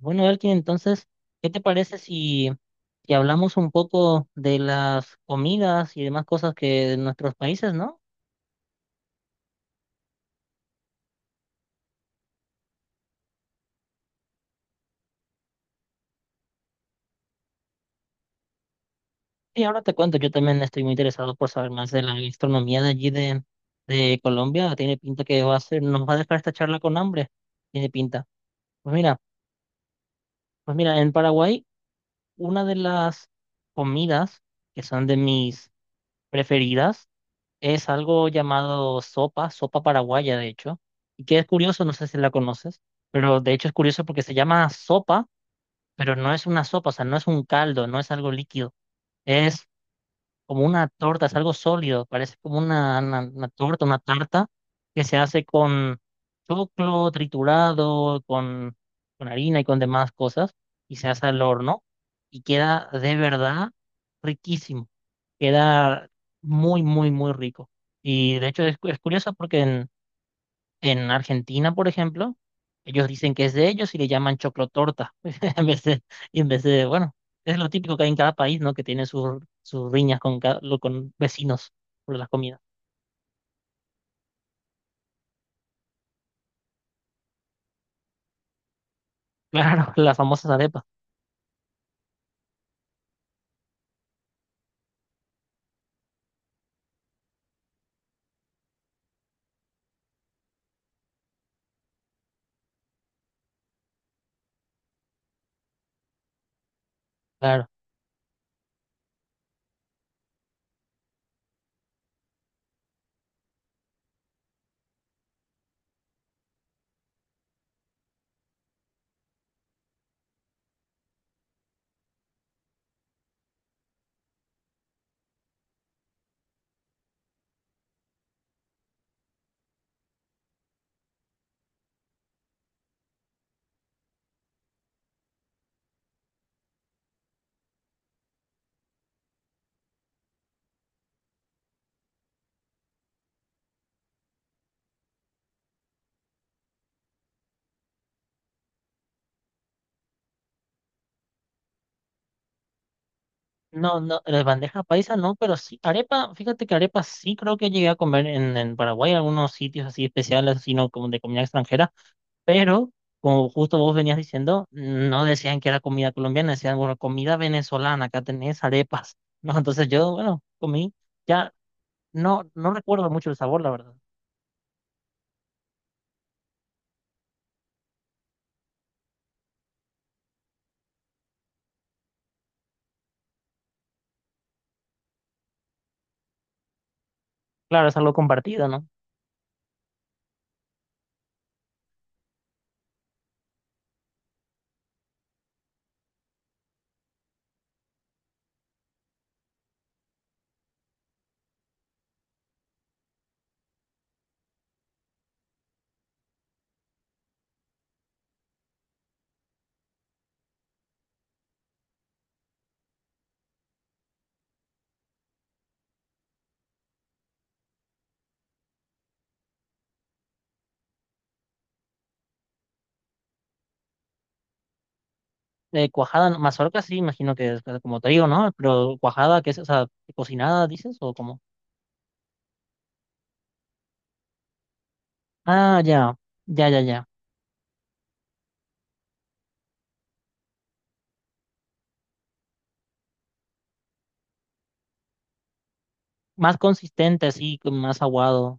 Bueno, Elkin, entonces, ¿qué te parece si hablamos un poco de las comidas y demás cosas que de nuestros países, ¿no? Y ahora te cuento, yo también estoy muy interesado por saber más de la gastronomía de Colombia. Tiene pinta que va a ser, nos va a dejar esta charla con hambre. Tiene pinta. Pues mira, pues mira, en Paraguay, una de las comidas que son de mis preferidas es algo llamado sopa paraguaya, de hecho, y que es curioso, no sé si la conoces, pero de hecho es curioso porque se llama sopa, pero no es una sopa, o sea, no es un caldo, no es algo líquido, es como una torta, es algo sólido, parece como una torta, una tarta que se hace con choclo triturado, con harina y con demás cosas, y se hace al horno y queda de verdad riquísimo, queda muy, muy, muy rico. Y de hecho es, es curioso porque en Argentina, por ejemplo, ellos dicen que es de ellos y le llaman choclotorta. En vez de, en vez de, bueno, es lo típico que hay en cada país, ¿no? Que tiene sus, sus riñas con, con vecinos por las comidas. Claro, las famosas arepas, claro. No, no, las bandeja paisa no, pero sí, arepa, fíjate que arepa sí creo que llegué a comer en Paraguay, algunos sitios así especiales, sino como de comida extranjera. Pero, como justo vos venías diciendo, no decían que era comida colombiana, decían, bueno, comida venezolana, acá tenés arepas, ¿no? Entonces yo, bueno, comí, ya no, no recuerdo mucho el sabor, la verdad. Claro, es algo compartido, ¿no? Cuajada, no- mazorca sí, imagino que es pues, como trigo, ¿no? Pero cuajada, qué es, o sea, cocinada, dices, o como, ah, ya, ya, ya, ya. Más consistente, así, con más aguado.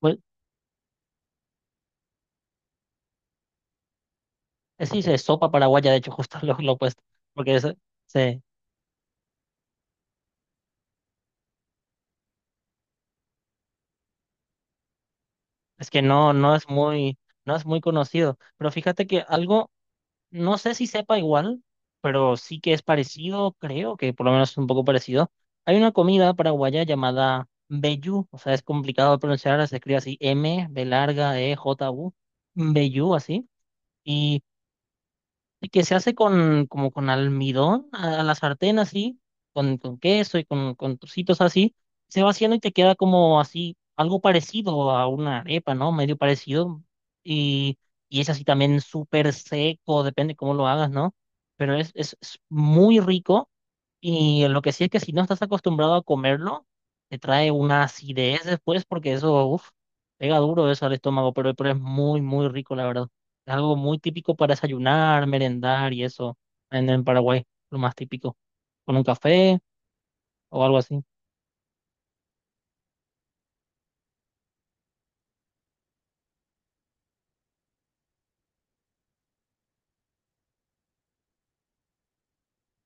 Pues, sí, se sopa paraguaya, de hecho, justo lo opuesto, porque es, sí. Es que no, no es muy conocido. Pero fíjate que algo, no sé si sepa igual, pero sí que es parecido, creo que por lo menos es un poco parecido. Hay una comida paraguaya llamada mbejú, o sea, es complicado de pronunciar, se escribe así M, B larga, E, J, U, mbejú, así. Y que se hace con, como con almidón a la sartén así, con queso y con trocitos así, se va haciendo y te queda como así, algo parecido a una arepa, ¿no? Medio parecido. Y, y es así también súper seco, depende cómo lo hagas, ¿no? Pero es muy rico y lo que sí es que si no estás acostumbrado a comerlo, te trae una acidez después porque eso, uff, pega duro eso al estómago, pero es muy, muy rico, la verdad. Es algo muy típico para desayunar, merendar y eso en Paraguay, lo más típico, con un café o algo así.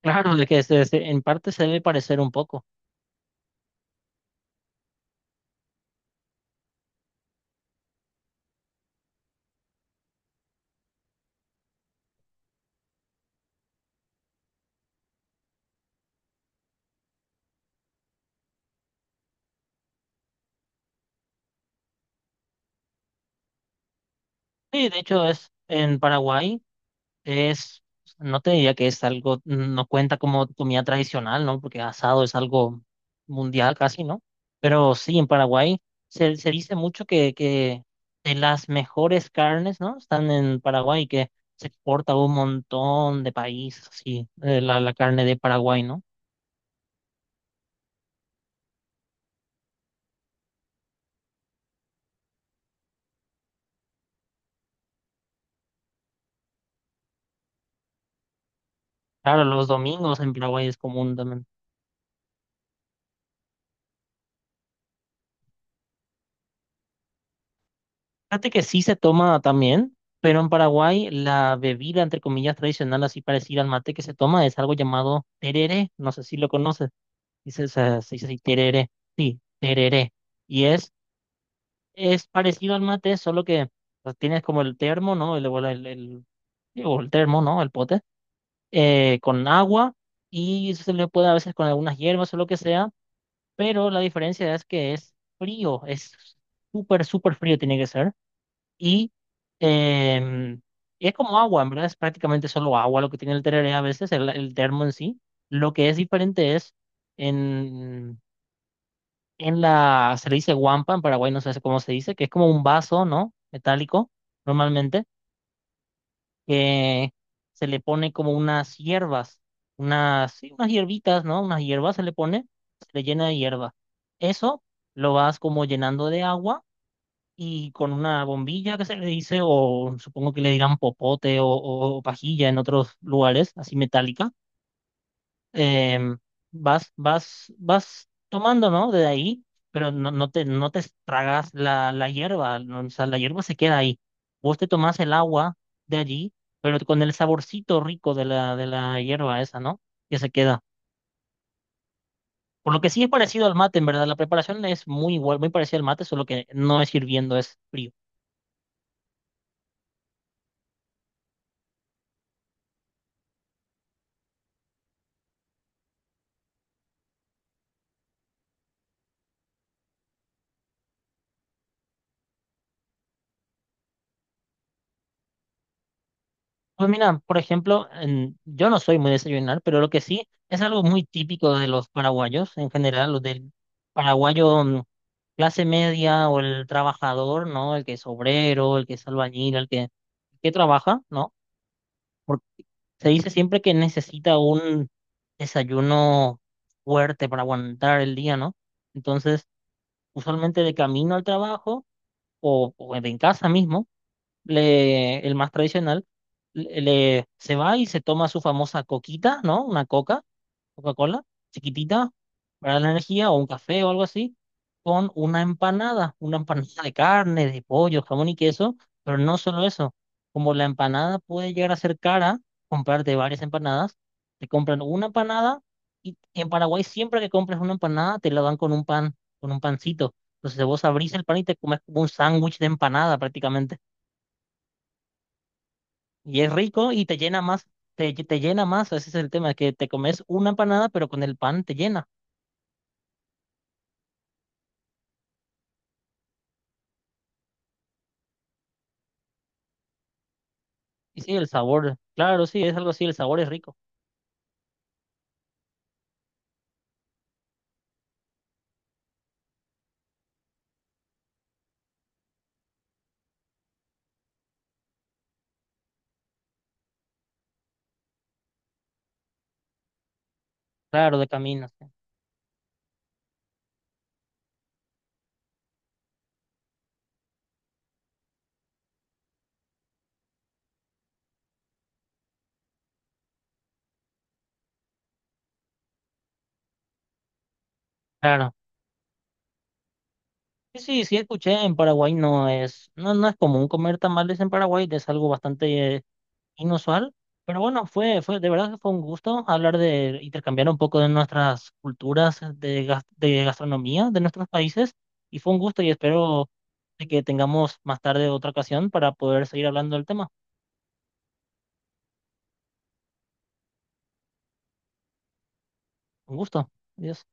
Claro, de que en parte se debe parecer un poco. Sí, de hecho es en Paraguay. Es, no te diría que es algo, no cuenta como comida tradicional, ¿no? Porque asado es algo mundial casi, ¿no? Pero sí, en Paraguay se dice mucho que de las mejores carnes, ¿no? Están en Paraguay, que se exporta a un montón de países, sí, la, la carne de Paraguay, ¿no? Claro, los domingos en Paraguay es común también. Fíjate que sí se toma también, pero en Paraguay la bebida, entre comillas, tradicional, así parecida al mate que se toma, es algo llamado tereré. No sé si lo conoces. Dice, se dice así, tereré. Sí, tereré. Y es parecido al mate, solo que pues, tienes como el termo, ¿no? Digo, el termo, ¿no? El pote, con agua y se le puede a veces con algunas hierbas o lo que sea, pero la diferencia es que es frío, es súper, súper frío tiene que ser y em, es como agua, en verdad es prácticamente solo agua lo que tiene el tereré a veces, el termo en sí. Lo que es diferente es en, en la, se le dice guampa, en Paraguay no sé cómo se dice, que es como un vaso, ¿no? Metálico, normalmente, que se le pone como unas hierbas, unas, sí, unas hierbitas, ¿no? Unas hierbas se le pone, se le llena de hierba. Eso lo vas como llenando de agua y con una bombilla que se le dice, o supongo que le dirán popote o pajilla en otros lugares, así metálica, em, vas tomando, ¿no? De ahí, pero no, no te tragas la, la hierba, ¿no? O sea, la hierba se queda ahí. Vos te tomás el agua de allí, pero con el saborcito rico de de la hierba esa, ¿no? Que se queda. Por lo que sí es parecido al mate, en verdad. La preparación es muy igual, muy parecida al mate, solo que no es hirviendo, es frío. Pues mira, por ejemplo, en- yo no soy muy de desayunar, pero lo que sí es algo muy típico de los paraguayos en general, los del paraguayo mm, clase media o el trabajador, ¿no? El que es obrero, el que es albañil, el que trabaja, ¿no? Porque se dice siempre que necesita un desayuno fuerte para aguantar el día, ¿no? Entonces, usualmente de camino al trabajo o en casa mismo le, el más tradicional, se va y se toma su famosa coquita, ¿no? Una coca, Coca-Cola, chiquitita, para la energía, o un café o algo así, con una empanada de carne, de pollo, jamón y queso, pero no solo eso, como la empanada puede llegar a ser cara, comprarte varias empanadas, te compran una empanada y en Paraguay siempre que compras una empanada te la dan con un pan, con un pancito. Entonces vos abrís el pan y te comes como un sándwich de empanada prácticamente. Y es rico y te llena más, te llena más, ese es el tema, que te comes una empanada, pero con el pan te llena. Y sí, el sabor, claro, sí, es algo así, el sabor es rico, claro, de camino, sí, claro. Sí, sí, sí, escuché, en Paraguay no es, no, no es común comer tamales en Paraguay, es algo bastante inusual, pero bueno, de verdad que fue un gusto hablar de, intercambiar un poco de nuestras culturas de, de gastronomía de nuestros países, y fue un gusto y espero de que tengamos más tarde otra ocasión para poder seguir hablando del tema. Un gusto. Adiós.